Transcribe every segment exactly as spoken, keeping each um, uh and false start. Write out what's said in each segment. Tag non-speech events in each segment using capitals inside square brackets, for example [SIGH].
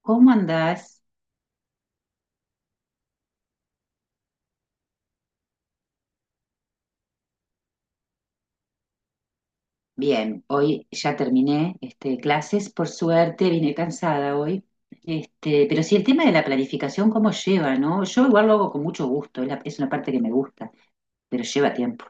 ¿Cómo andás? Bien, hoy ya terminé este, clases, por suerte, vine cansada hoy. Este, pero sí, el tema de la planificación, ¿cómo lleva, no? Yo igual lo hago con mucho gusto, es la- es una parte que me gusta, pero lleva tiempo.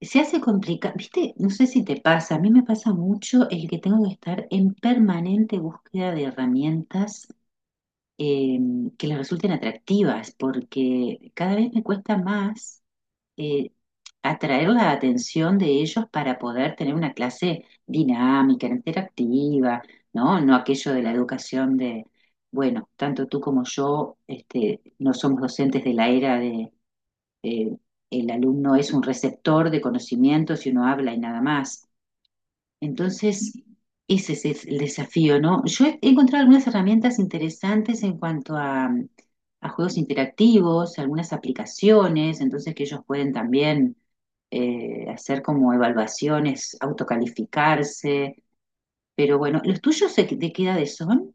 Se hace complicado, viste, no sé si te pasa, a mí me pasa mucho el que tengo que estar en permanente búsqueda de herramientas eh, que les resulten atractivas, porque cada vez me cuesta más eh, atraer la atención de ellos para poder tener una clase dinámica, interactiva, ¿no? No aquello de la educación de, bueno, tanto tú como yo, este, no somos docentes de la era de eh, el alumno es un receptor de conocimientos y uno habla y nada más. Entonces, ese es el desafío, ¿no? Yo he he encontrado algunas herramientas interesantes en cuanto a, a juegos interactivos, algunas aplicaciones, entonces que ellos pueden también eh, hacer como evaluaciones, autocalificarse, pero bueno, ¿los tuyos de, de qué edades son?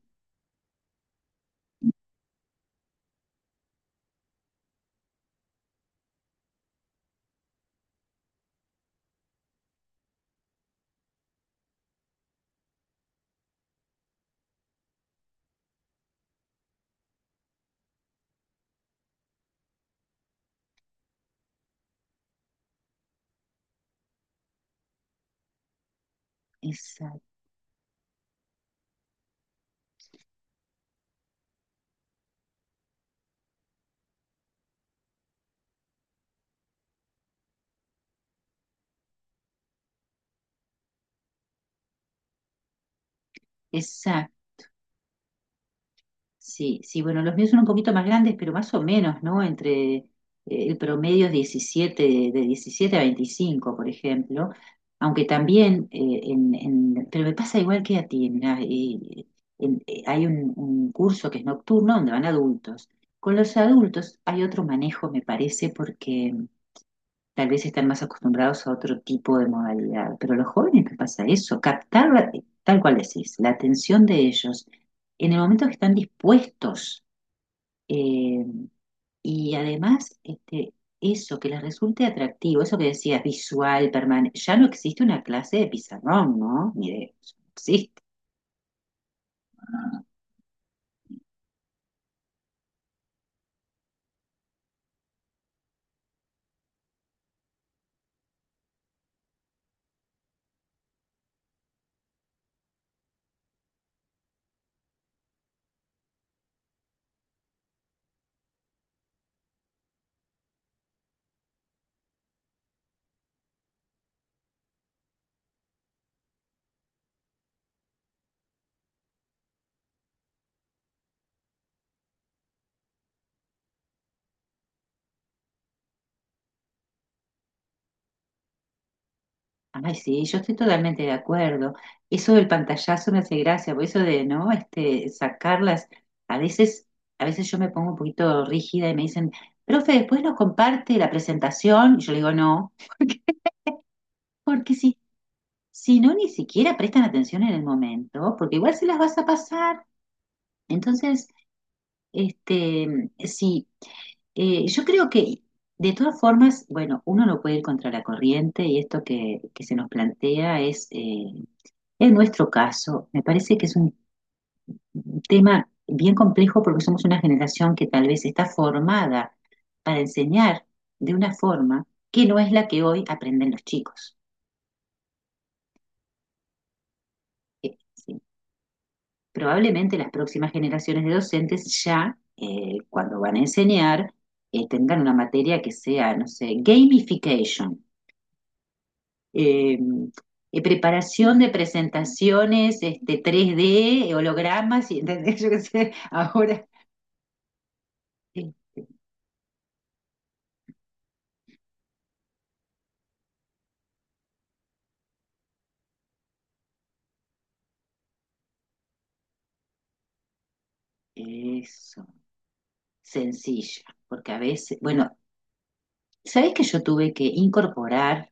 Esa, esa, sí, sí, bueno, los míos son un poquito más grandes, pero más o menos, ¿no? Entre eh, el promedio es diecisiete, de diecisiete a veinticinco, por ejemplo, aunque también, eh, en, en- pero me pasa igual que a ti, mirá, eh, en- eh, hay un, un curso que es nocturno donde van adultos. Con los adultos hay otro manejo, me parece, tal vez están más acostumbrados a otro tipo de modalidad, pero a los jóvenes les pasa eso, captar la- tal cual decís, la atención de ellos en el momento que están dispuestos eh, y además este, eso que les resulte atractivo, eso que decías, visual, permanente, ya no existe una clase de pizarrón, ¿no? Ni de, sí. Ay, sí, yo estoy totalmente de acuerdo. Eso del pantallazo me hace gracia, por eso de, ¿no? Este, sacarlas. A veces, a veces yo me pongo un poquito rígida y me dicen, profe, después nos comparte la presentación. Y yo le digo, no, porque si, si no, ni siquiera prestan atención en el momento, porque igual se las vas a pasar. Entonces, este, sí, eh, yo creo que de todas formas, bueno, uno no puede ir contra la corriente y esto que, que se nos plantea es... eh, En nuestro caso, me parece que es un tema bien complejo porque somos una generación que tal vez está formada para enseñar de una forma que no es la que hoy aprenden los chicos. Eh, sí. Probablemente las próximas generaciones de docentes ya, eh, cuando van a enseñar, eh, tendrán una materia que sea, no sé, gamification, eh, eh, preparación de presentaciones, este, tres D, hologramas, y, [LAUGHS] ¿entendés? Yo qué sé, ahora Eh, eso, sencilla, porque a veces, bueno, ¿sabés que yo tuve que incorporar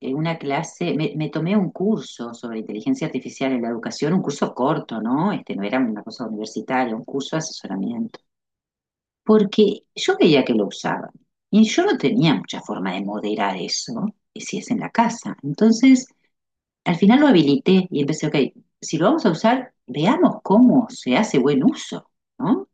eh, una clase, me, me tomé un curso sobre inteligencia artificial en la educación, un curso corto, ¿no? Este no era una cosa universitaria, un curso de asesoramiento, porque yo veía que lo usaban y yo no tenía mucha forma de moderar eso, y si es en la casa. Entonces, al final lo habilité y empecé, ok, si lo vamos a usar, veamos cómo se hace buen uso, ¿no?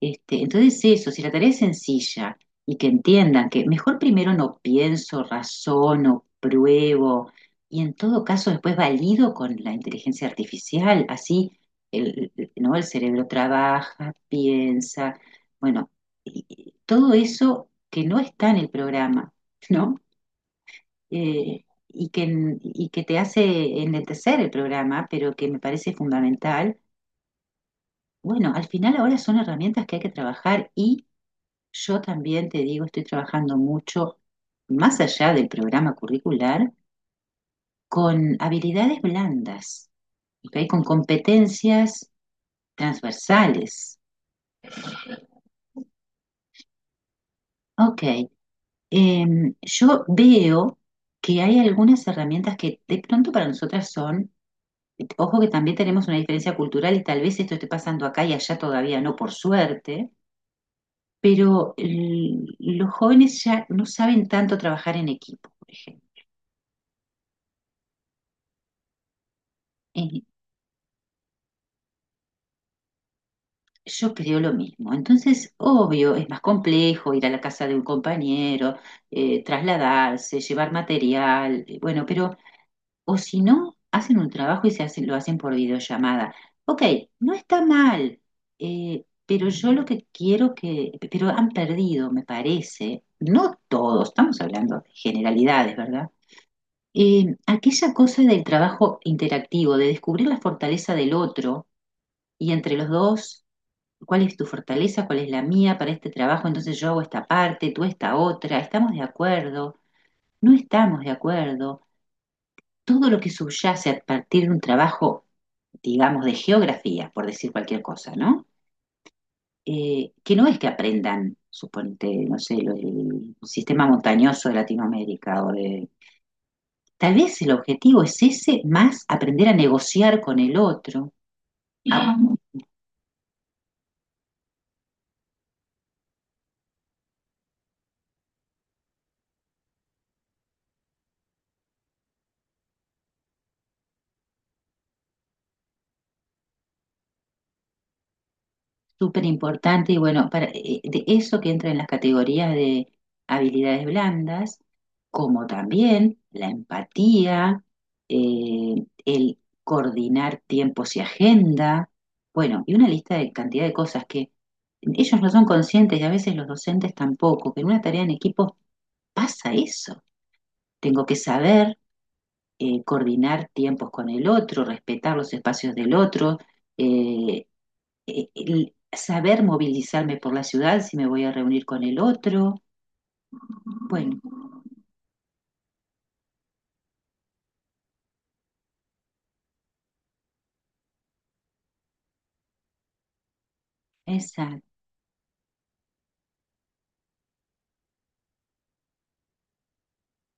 Este, entonces eso, si la tarea es sencilla y que entiendan que mejor primero no pienso, razono, pruebo y en todo caso después valido con la inteligencia artificial, así el, el- ¿no? El cerebro trabaja, piensa, bueno, y- y todo eso que no está en el programa, ¿no? Eh, y que, en- y que te hace enlentecer el programa, pero que me parece fundamental. Bueno, al final ahora son herramientas que hay que trabajar, yo también te digo, estoy trabajando mucho, más allá del programa curricular, con habilidades blandas, ¿ok? Con competencias transversales. Ok, em, yo veo que hay algunas herramientas que de pronto para nosotras son, ojo que también tenemos una diferencia cultural y tal vez esto esté pasando acá y allá todavía no, por suerte, pero el- los jóvenes ya no saben tanto trabajar en equipo, por ejemplo. Eh, Yo creo lo mismo. Entonces, obvio, es más complejo ir a la casa de un compañero, eh, trasladarse, llevar material, eh, bueno, pero, o si no, hacen un trabajo y se hacen, lo hacen por videollamada. Ok, no está mal, eh, pero yo lo que quiero que, pero han perdido, me parece, no todos, estamos hablando de generalidades, ¿verdad? Eh, aquella cosa del trabajo interactivo, de descubrir la fortaleza del otro y entre los dos cuál es tu fortaleza, cuál es la mía para este trabajo, entonces yo hago esta parte, tú esta otra, estamos de acuerdo, no estamos de acuerdo, todo lo que subyace a partir de un trabajo, digamos, de geografía, por decir cualquier cosa, ¿no? Eh, que no es que aprendan, suponte, no sé, lo- el sistema montañoso de Latinoamérica o de... Tal vez el objetivo es ese, más aprender a negociar con el otro, a, súper importante y bueno, para, eh, de eso que entra en las categorías de habilidades blandas, como también la empatía, eh, el coordinar tiempos y agenda, bueno, y una lista de cantidad de cosas que ellos no son conscientes y a veces los docentes tampoco, que en una tarea en equipo pasa eso. Tengo que saber eh, coordinar tiempos con el otro, respetar los espacios del otro, eh, eh, el saber movilizarme por la ciudad si me voy a reunir con el otro. Bueno, esa,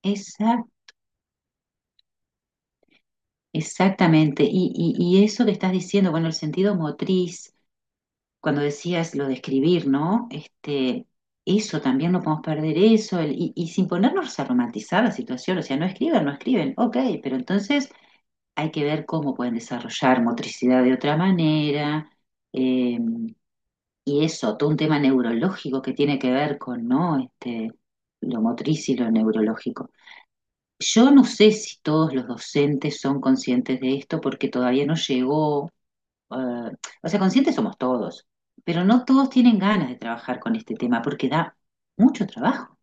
esa, exactamente. Y, y, y eso que estás diciendo, bueno, el sentido motriz, cuando decías lo de escribir, ¿no? Este, eso también no podemos perder eso, el- y, y sin ponernos a romantizar la situación, o sea, no escriben, no escriben, ok, pero entonces hay que ver cómo pueden desarrollar motricidad de otra manera. eh, Y eso, todo un tema neurológico que tiene que ver con, ¿no? Este, lo motriz y lo neurológico. Yo no sé si todos los docentes son conscientes de esto porque todavía no llegó, eh, o sea, conscientes somos todos, pero no todos tienen ganas de trabajar con este tema porque da mucho trabajo.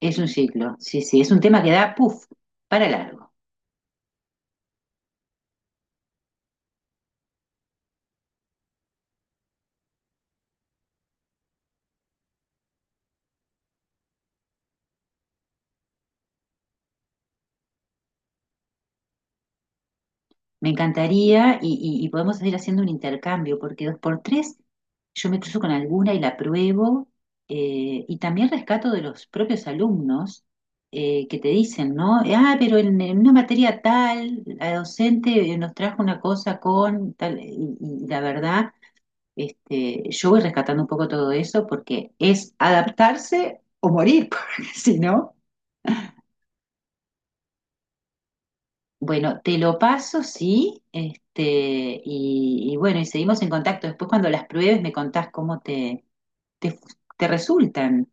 Es un ciclo, sí, sí, es un tema que da, puff, para largo. Me encantaría y, y- y podemos ir haciendo un intercambio, porque dos por tres yo me cruzo con alguna y la pruebo, eh, y también rescato de los propios alumnos eh, que te dicen, ¿no? Ah, pero en, en una materia tal, la docente eh, nos trajo una cosa con tal, y, y la verdad, este, yo voy rescatando un poco todo eso porque es adaptarse o morir, [LAUGHS] porque si no. Bueno, te lo paso, sí, este, y, y bueno, y seguimos en contacto. Después cuando las pruebes me contás cómo te, te, te resultan.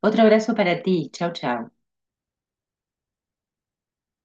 Otro abrazo para ti. Chau, chau.